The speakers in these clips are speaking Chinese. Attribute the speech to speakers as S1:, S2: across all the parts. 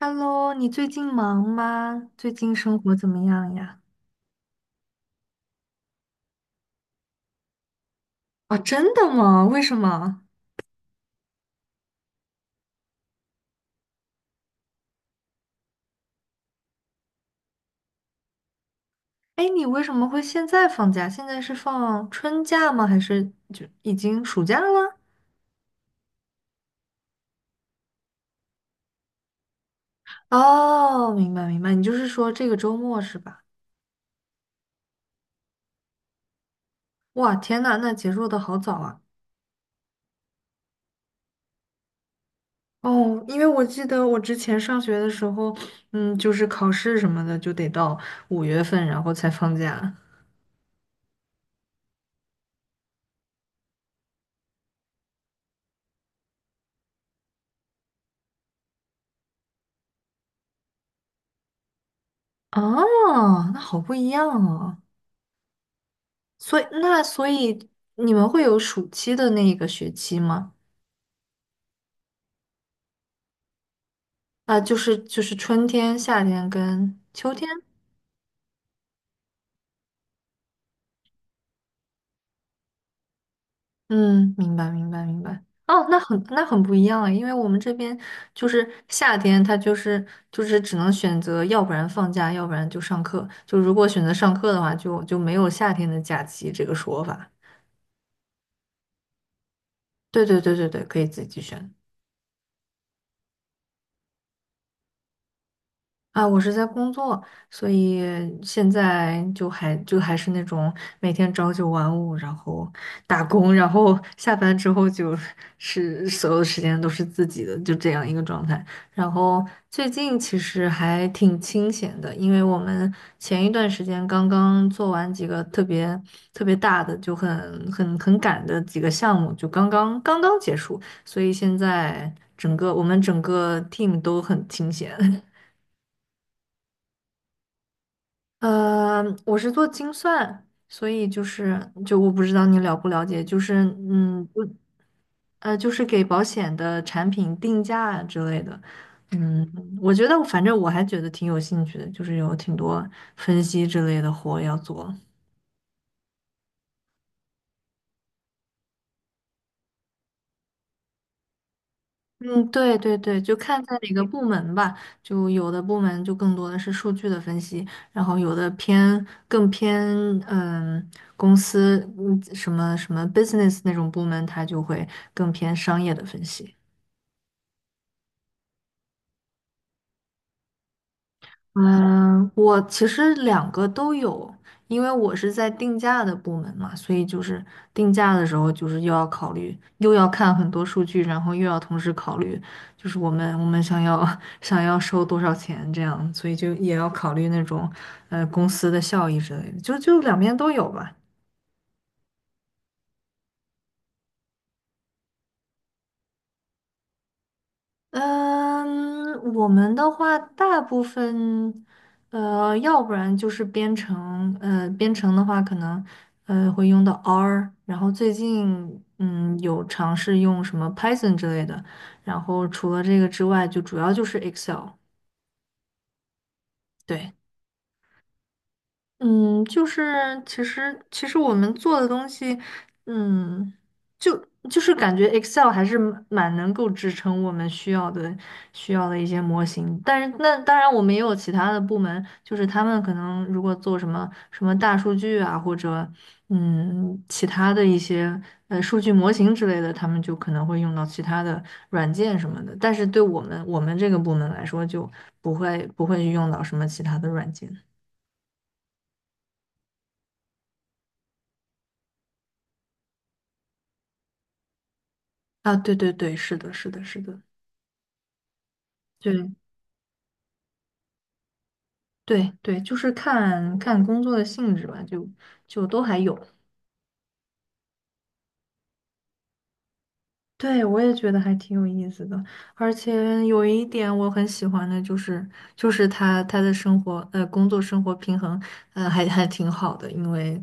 S1: Hello，你最近忙吗？最近生活怎么样呀？啊，真的吗？为什么？哎，你为什么会现在放假？现在是放春假吗？还是就已经暑假了？哦，明白明白，你就是说这个周末是吧？哇，天呐，那结束的好早啊！哦，因为我记得我之前上学的时候，就是考试什么的就得到五月份，然后才放假。啊，那好不一样哦。所以你们会有暑期的那一个学期吗？啊，就是春天、夏天跟秋天。嗯，明白明白明白。哦，那很不一样啊，因为我们这边就是夏天，它就是只能选择，要不然放假，要不然就上课。就如果选择上课的话，就没有夏天的假期这个说法。对对对对对，可以自己选。啊，我是在工作，所以现在就还是那种每天朝九晚五，然后打工，然后下班之后就是所有的时间都是自己的，就这样一个状态。然后最近其实还挺清闲的，因为我们前一段时间刚刚做完几个特别特别大的，就很赶的几个项目，就刚刚结束，所以现在我们整个 team 都很清闲。我是做精算，所以就是我不知道你了不了解，就是不就是给保险的产品定价之类的。嗯，我觉得反正我还觉得挺有兴趣的，就是有挺多分析之类的活要做。嗯，对对对，就看在哪个部门吧，就有的部门就更多的是数据的分析，然后有的更偏嗯公司什么什么 business 那种部门，它就会更偏商业的分析。嗯，我其实两个都有，因为我是在定价的部门嘛，所以就是定价的时候，就是又要考虑，又要看很多数据，然后又要同时考虑，就是我们想要 想要收多少钱这样，所以就也要考虑那种公司的效益之类的，就两边都有吧。嗯，我们的话，大部分，要不然就是编程，编程的话，可能，会用到 R，然后最近，有尝试用什么 Python 之类的，然后除了这个之外，就主要就是 Excel，对。嗯，就是其实我们做的东西，嗯，就就是感觉 Excel 还是蛮能够支撑我们需要的一些模型。但是那当然，我们也有其他的部门，就是他们可能如果做什么什么大数据啊，或者其他的一些数据模型之类的，他们就可能会用到其他的软件什么的。但是对我们这个部门来说，就不会用到什么其他的软件。啊，对对对，是的，是的，是的，对对对，就是看看工作的性质吧，就都还有。对，我也觉得还挺有意思的，而且有一点我很喜欢的就是他的生活，工作生活平衡，还挺好的，因为，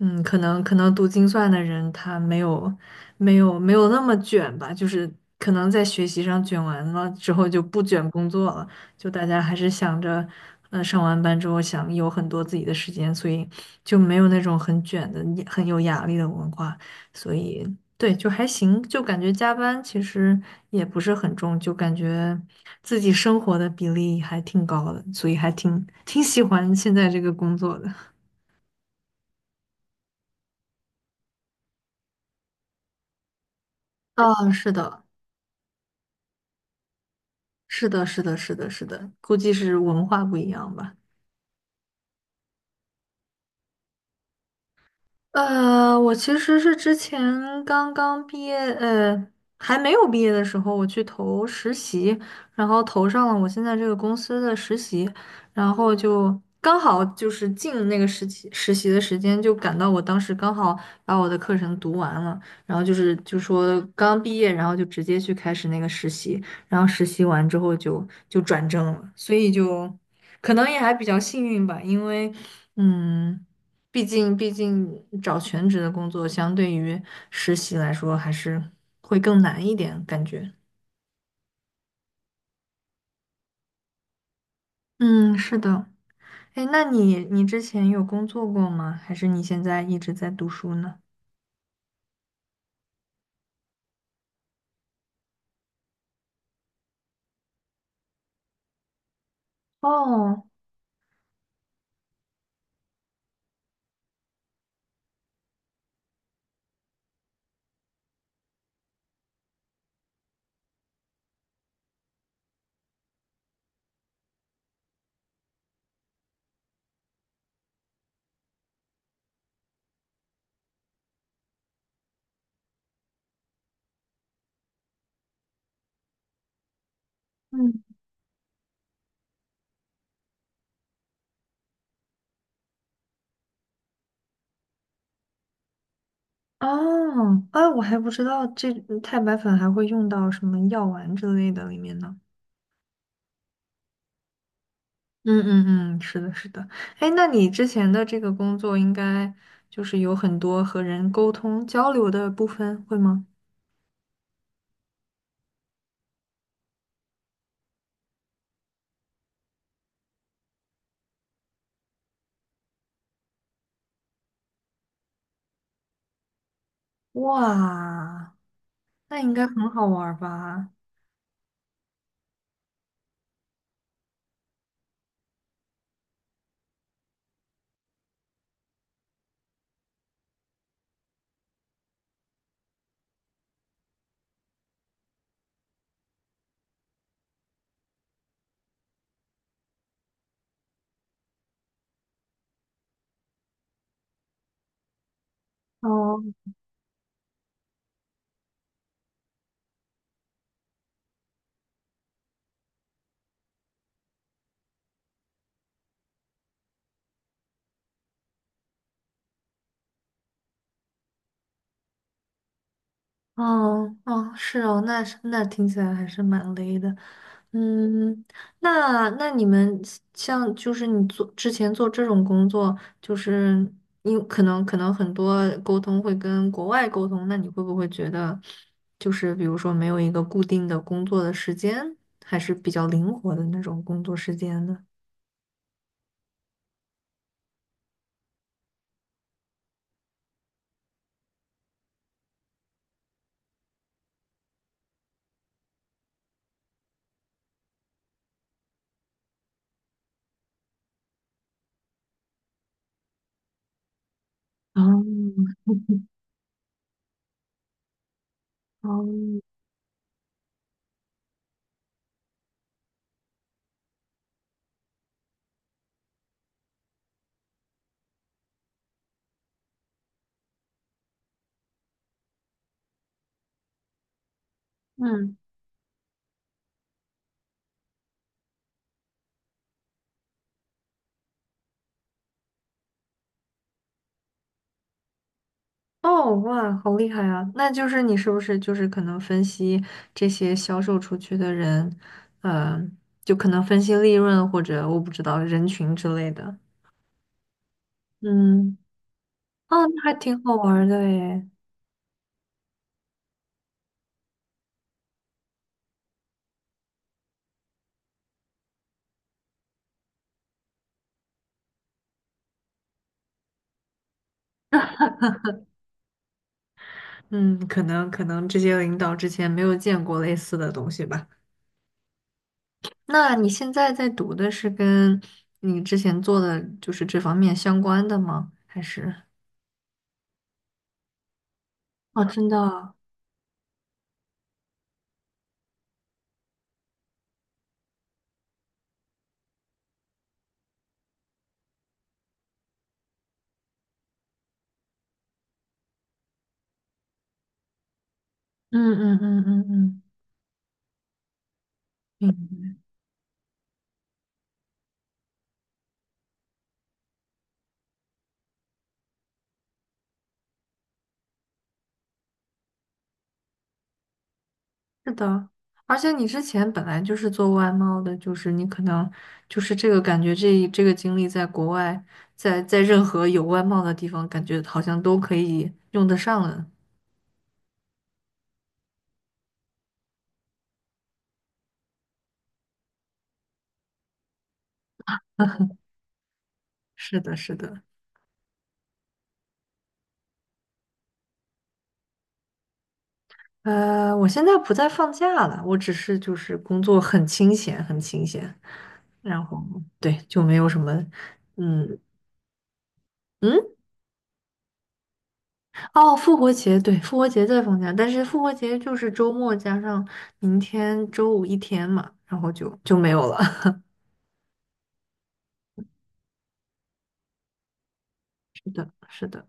S1: 可能读精算的人他没有那么卷吧，就是可能在学习上卷完了之后就不卷工作了，就大家还是想着，上完班之后想有很多自己的时间，所以就没有那种很卷的、很有压力的文化。所以对，就还行，就感觉加班其实也不是很重，就感觉自己生活的比例还挺高的，所以还挺挺喜欢现在这个工作的。啊，是的，是的，是的，是的，是的，估计是文化不一样吧。我其实是之前刚刚毕业，还没有毕业的时候，我去投实习，然后投上了我现在这个公司的实习，然后就刚好就是进那个实习的时间，就赶到我当时刚好把我的课程读完了，然后就是就说刚毕业，然后就直接去开始那个实习，然后实习完之后就就转正了，所以就可能也还比较幸运吧，因为嗯。毕竟找全职的工作，相对于实习来说，还是会更难一点，感觉。嗯，是的。哎，那你之前有工作过吗？还是你现在一直在读书呢？哦，嗯，哦，哎，我还不知道这太白粉还会用到什么药丸之类的里面呢。嗯嗯嗯，是的，是的。哎，那你之前的这个工作应该就是有很多和人沟通交流的部分，会吗？哇，那应该很好玩儿吧？哦哦哦，是哦，那是那听起来还是蛮累的。嗯，那你们像就是你做之前做这种工作，就是因可能可能很多沟通会跟国外沟通，那你会不会觉得就是比如说没有一个固定的工作的时间，还是比较灵活的那种工作时间呢？哦哦，嗯，哦，哇，好厉害啊！那就是你是不是就是可能分析这些销售出去的人，呃，就可能分析利润或者我不知道人群之类的。嗯，哦，那还挺好玩儿的诶。嗯，可能这些领导之前没有见过类似的东西吧。那你现在在读的是跟你之前做的就是这方面相关的吗？还是？哦，真的嗯嗯嗯嗯嗯嗯，明白是的，而且你之前本来就是做外贸的，就是你可能就是这个感觉这个经历在国外，在任何有外贸的地方，感觉好像都可以用得上了。是的，是的。我现在不再放假了，我只是就是工作很清闲，很清闲，然后对，就没有什么，嗯嗯，哦，复活节，对，复活节在放假，但是复活节就是周末加上明天周五一天嘛，然后就就没有了。是的，是的。